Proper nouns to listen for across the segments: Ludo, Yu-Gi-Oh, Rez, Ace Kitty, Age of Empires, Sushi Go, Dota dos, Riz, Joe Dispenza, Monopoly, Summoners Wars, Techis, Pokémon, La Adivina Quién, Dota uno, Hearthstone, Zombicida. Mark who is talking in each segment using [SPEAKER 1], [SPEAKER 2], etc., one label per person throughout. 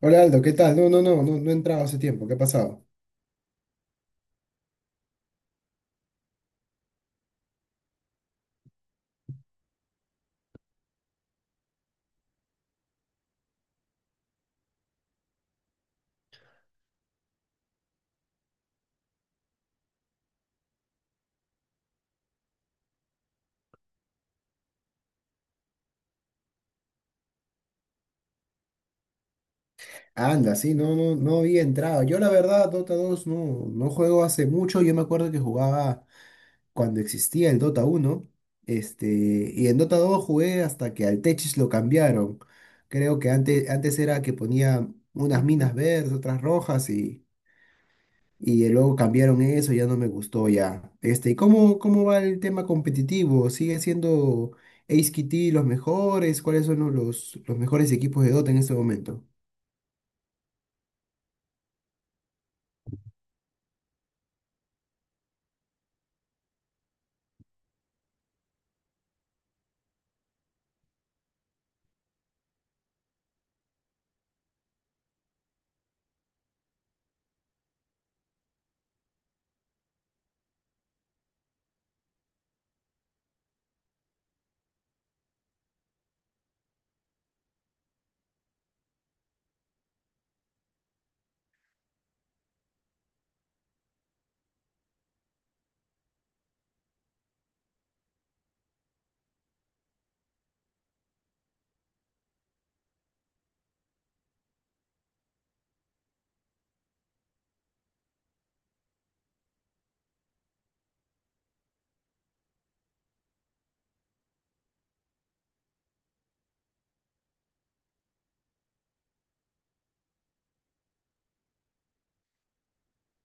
[SPEAKER 1] Hola Aldo, ¿qué tal? No, he entrado hace tiempo. ¿Qué ha pasado? Anda, sí, no había entrado. Yo la verdad, Dota 2 no juego hace mucho. Yo me acuerdo que jugaba cuando existía el Dota 1, este, y en Dota 2 jugué hasta que al Techis lo cambiaron. Creo que antes era que ponía unas minas verdes, otras rojas, y luego cambiaron eso, ya no me gustó ya. ¿Y cómo va el tema competitivo? ¿Sigue siendo Ace Kitty los mejores? ¿Cuáles son los mejores equipos de Dota en este momento?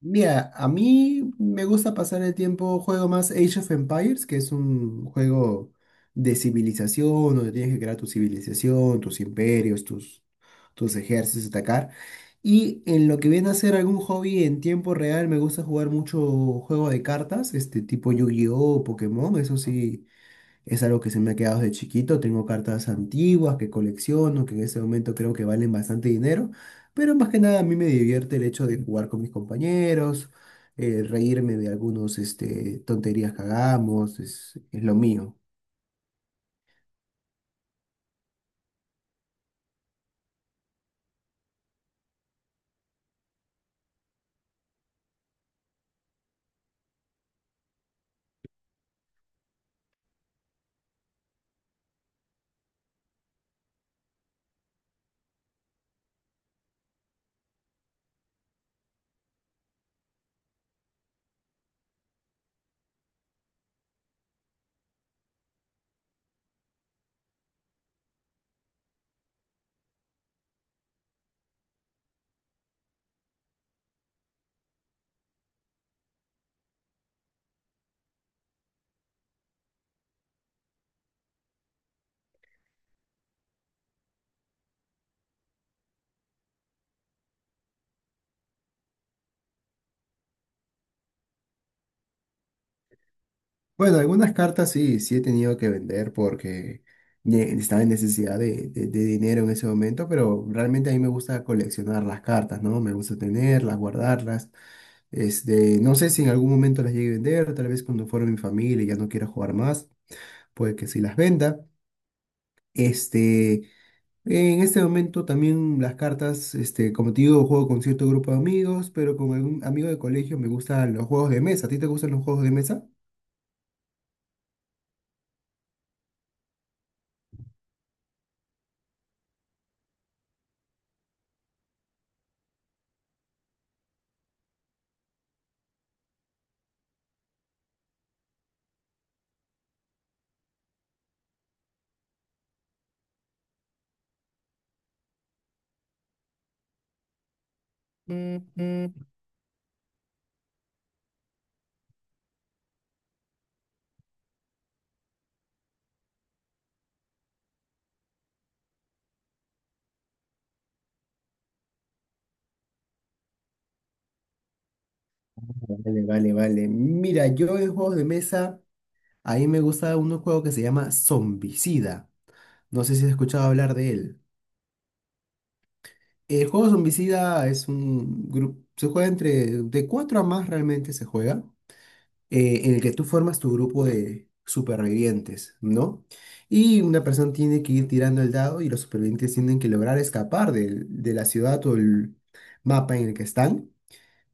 [SPEAKER 1] Mira, a mí me gusta pasar el tiempo, juego más Age of Empires, que es un juego de civilización, donde tienes que crear tu civilización, tus imperios, tus ejércitos, atacar. Y en lo que viene a ser algún hobby en tiempo real, me gusta jugar mucho juego de cartas, este tipo Yu-Gi-Oh, Pokémon. Eso sí, es algo que se me ha quedado desde chiquito. Tengo cartas antiguas que colecciono, que en ese momento creo que valen bastante dinero, pero más que nada a mí me divierte el hecho de jugar con mis compañeros, reírme de algunos tonterías que hagamos. Es lo mío. Bueno, algunas cartas sí, sí he tenido que vender porque estaba en necesidad de, de dinero en ese momento, pero realmente a mí me gusta coleccionar las cartas, ¿no? Me gusta tenerlas, guardarlas. No sé si en algún momento las llegue a vender. Tal vez cuando fuera mi familia y ya no quiera jugar más, puede que sí las venda. Este, en este momento también las cartas, como te digo, juego con cierto grupo de amigos, pero con algún amigo de colegio me gustan los juegos de mesa. ¿A ti te gustan los juegos de mesa? Ujú. Vale, vale, vale. Mira, yo en juegos de mesa, a mí me gusta un juego que se llama Zombicida. No sé si has escuchado hablar de él. El juego Zombicida es un grupo, se juega entre, de cuatro a más realmente se juega, en el que tú formas tu grupo de supervivientes, ¿no? Y una persona tiene que ir tirando el dado y los supervivientes tienen que lograr escapar de la ciudad o el mapa en el que están,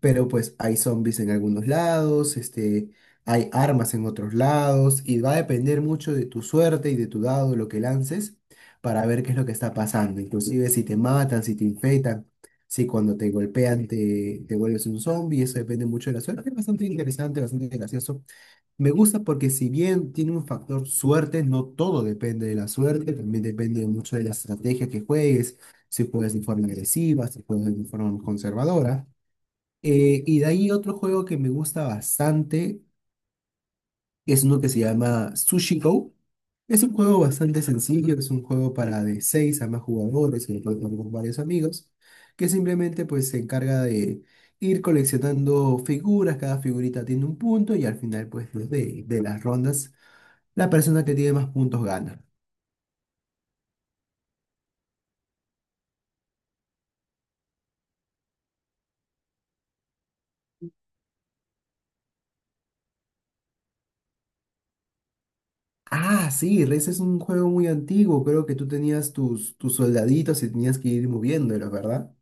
[SPEAKER 1] pero pues hay zombies en algunos lados. Hay armas en otros lados, y va a depender mucho de tu suerte y de tu dado, lo que lances, para ver qué es lo que está pasando. Inclusive si te matan, si te infectan, si cuando te golpean te vuelves un zombie, eso depende mucho de la suerte. Es bastante interesante, bastante gracioso. Me gusta porque si bien tiene un factor suerte, no todo depende de la suerte, también depende mucho de la estrategia que juegues, si juegas de forma agresiva, si juegas de forma conservadora. Y de ahí otro juego que me gusta bastante es uno que se llama Sushi Go. Es un juego bastante sencillo, es un juego para de 6 a más jugadores, que lo pueden jugar con varios amigos, que simplemente pues se encarga de ir coleccionando figuras. Cada figurita tiene un punto y al final pues de las rondas, la persona que tiene más puntos gana. Ah, sí, Rez es un juego muy antiguo. Creo que tú tenías tus soldaditos y tenías que ir moviéndolos, ¿verdad?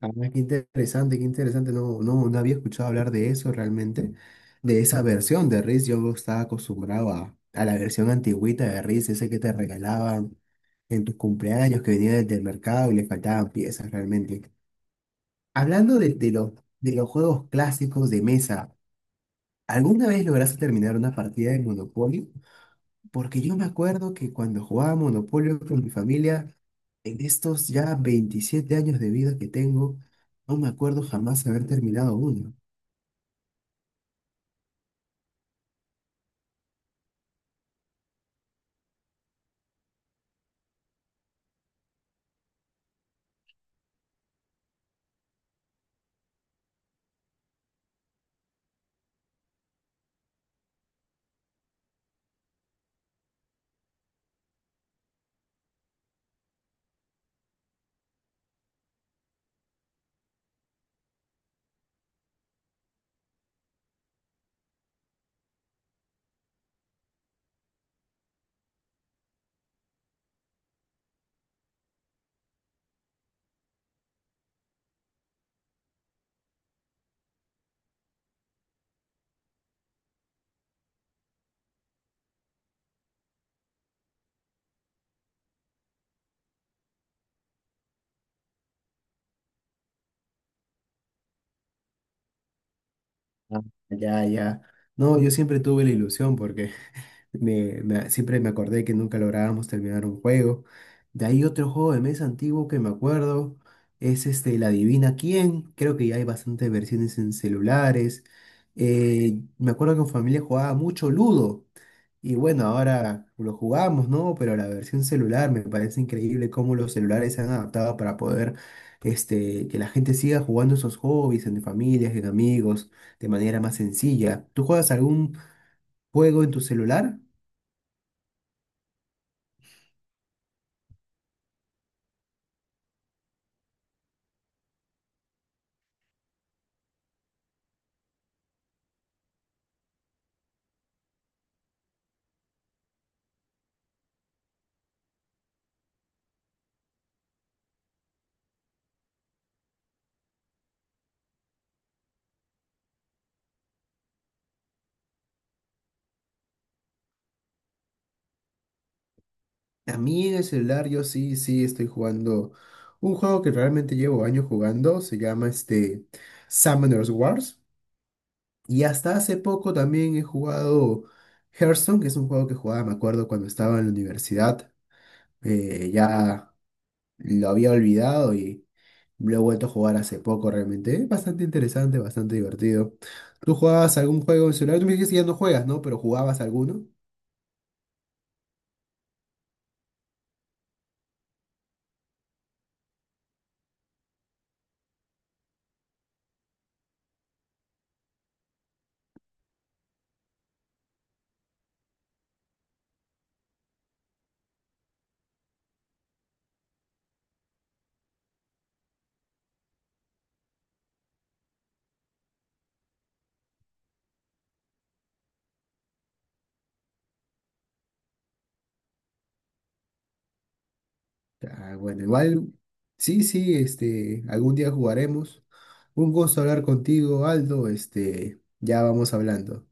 [SPEAKER 1] Ah, qué interesante, qué interesante. No había escuchado hablar de eso realmente, de esa versión de Riz. Yo estaba acostumbrado a la versión antigüita de Riz, ese que te regalaban en tus cumpleaños, que venía desde el mercado y le faltaban piezas realmente. Hablando de los juegos clásicos de mesa, ¿alguna vez lograste terminar una partida de Monopoly? Porque yo me acuerdo que cuando jugaba Monopoly con mi familia, en estos ya 27 años de vida que tengo, no me acuerdo jamás haber terminado uno. Ah, ya, ya. No, yo siempre tuve la ilusión porque siempre me acordé que nunca lográbamos terminar un juego. De ahí otro juego de mesa antiguo que me acuerdo es La Adivina Quién. Creo que ya hay bastantes versiones en celulares. Me acuerdo que en familia jugaba mucho Ludo. Y bueno, ahora lo jugamos, ¿no? Pero la versión celular me parece increíble cómo los celulares se han adaptado para poder, que la gente siga jugando esos hobbies en familias, en amigos, de manera más sencilla. ¿Tú juegas algún juego en tu celular? A mí en el celular yo sí, sí estoy jugando un juego que realmente llevo años jugando, se llama Summoners Wars. Y hasta hace poco también he jugado Hearthstone, que es un juego que jugaba, me acuerdo, cuando estaba en la universidad. Ya lo había olvidado y lo he vuelto a jugar hace poco realmente. Es bastante interesante, bastante divertido. ¿Tú jugabas algún juego en celular? Tú me dijiste que ya no juegas, ¿no? Pero jugabas alguno. Ah, bueno, igual, sí, sí, algún día jugaremos. Un gusto hablar contigo, Aldo. Ya vamos hablando.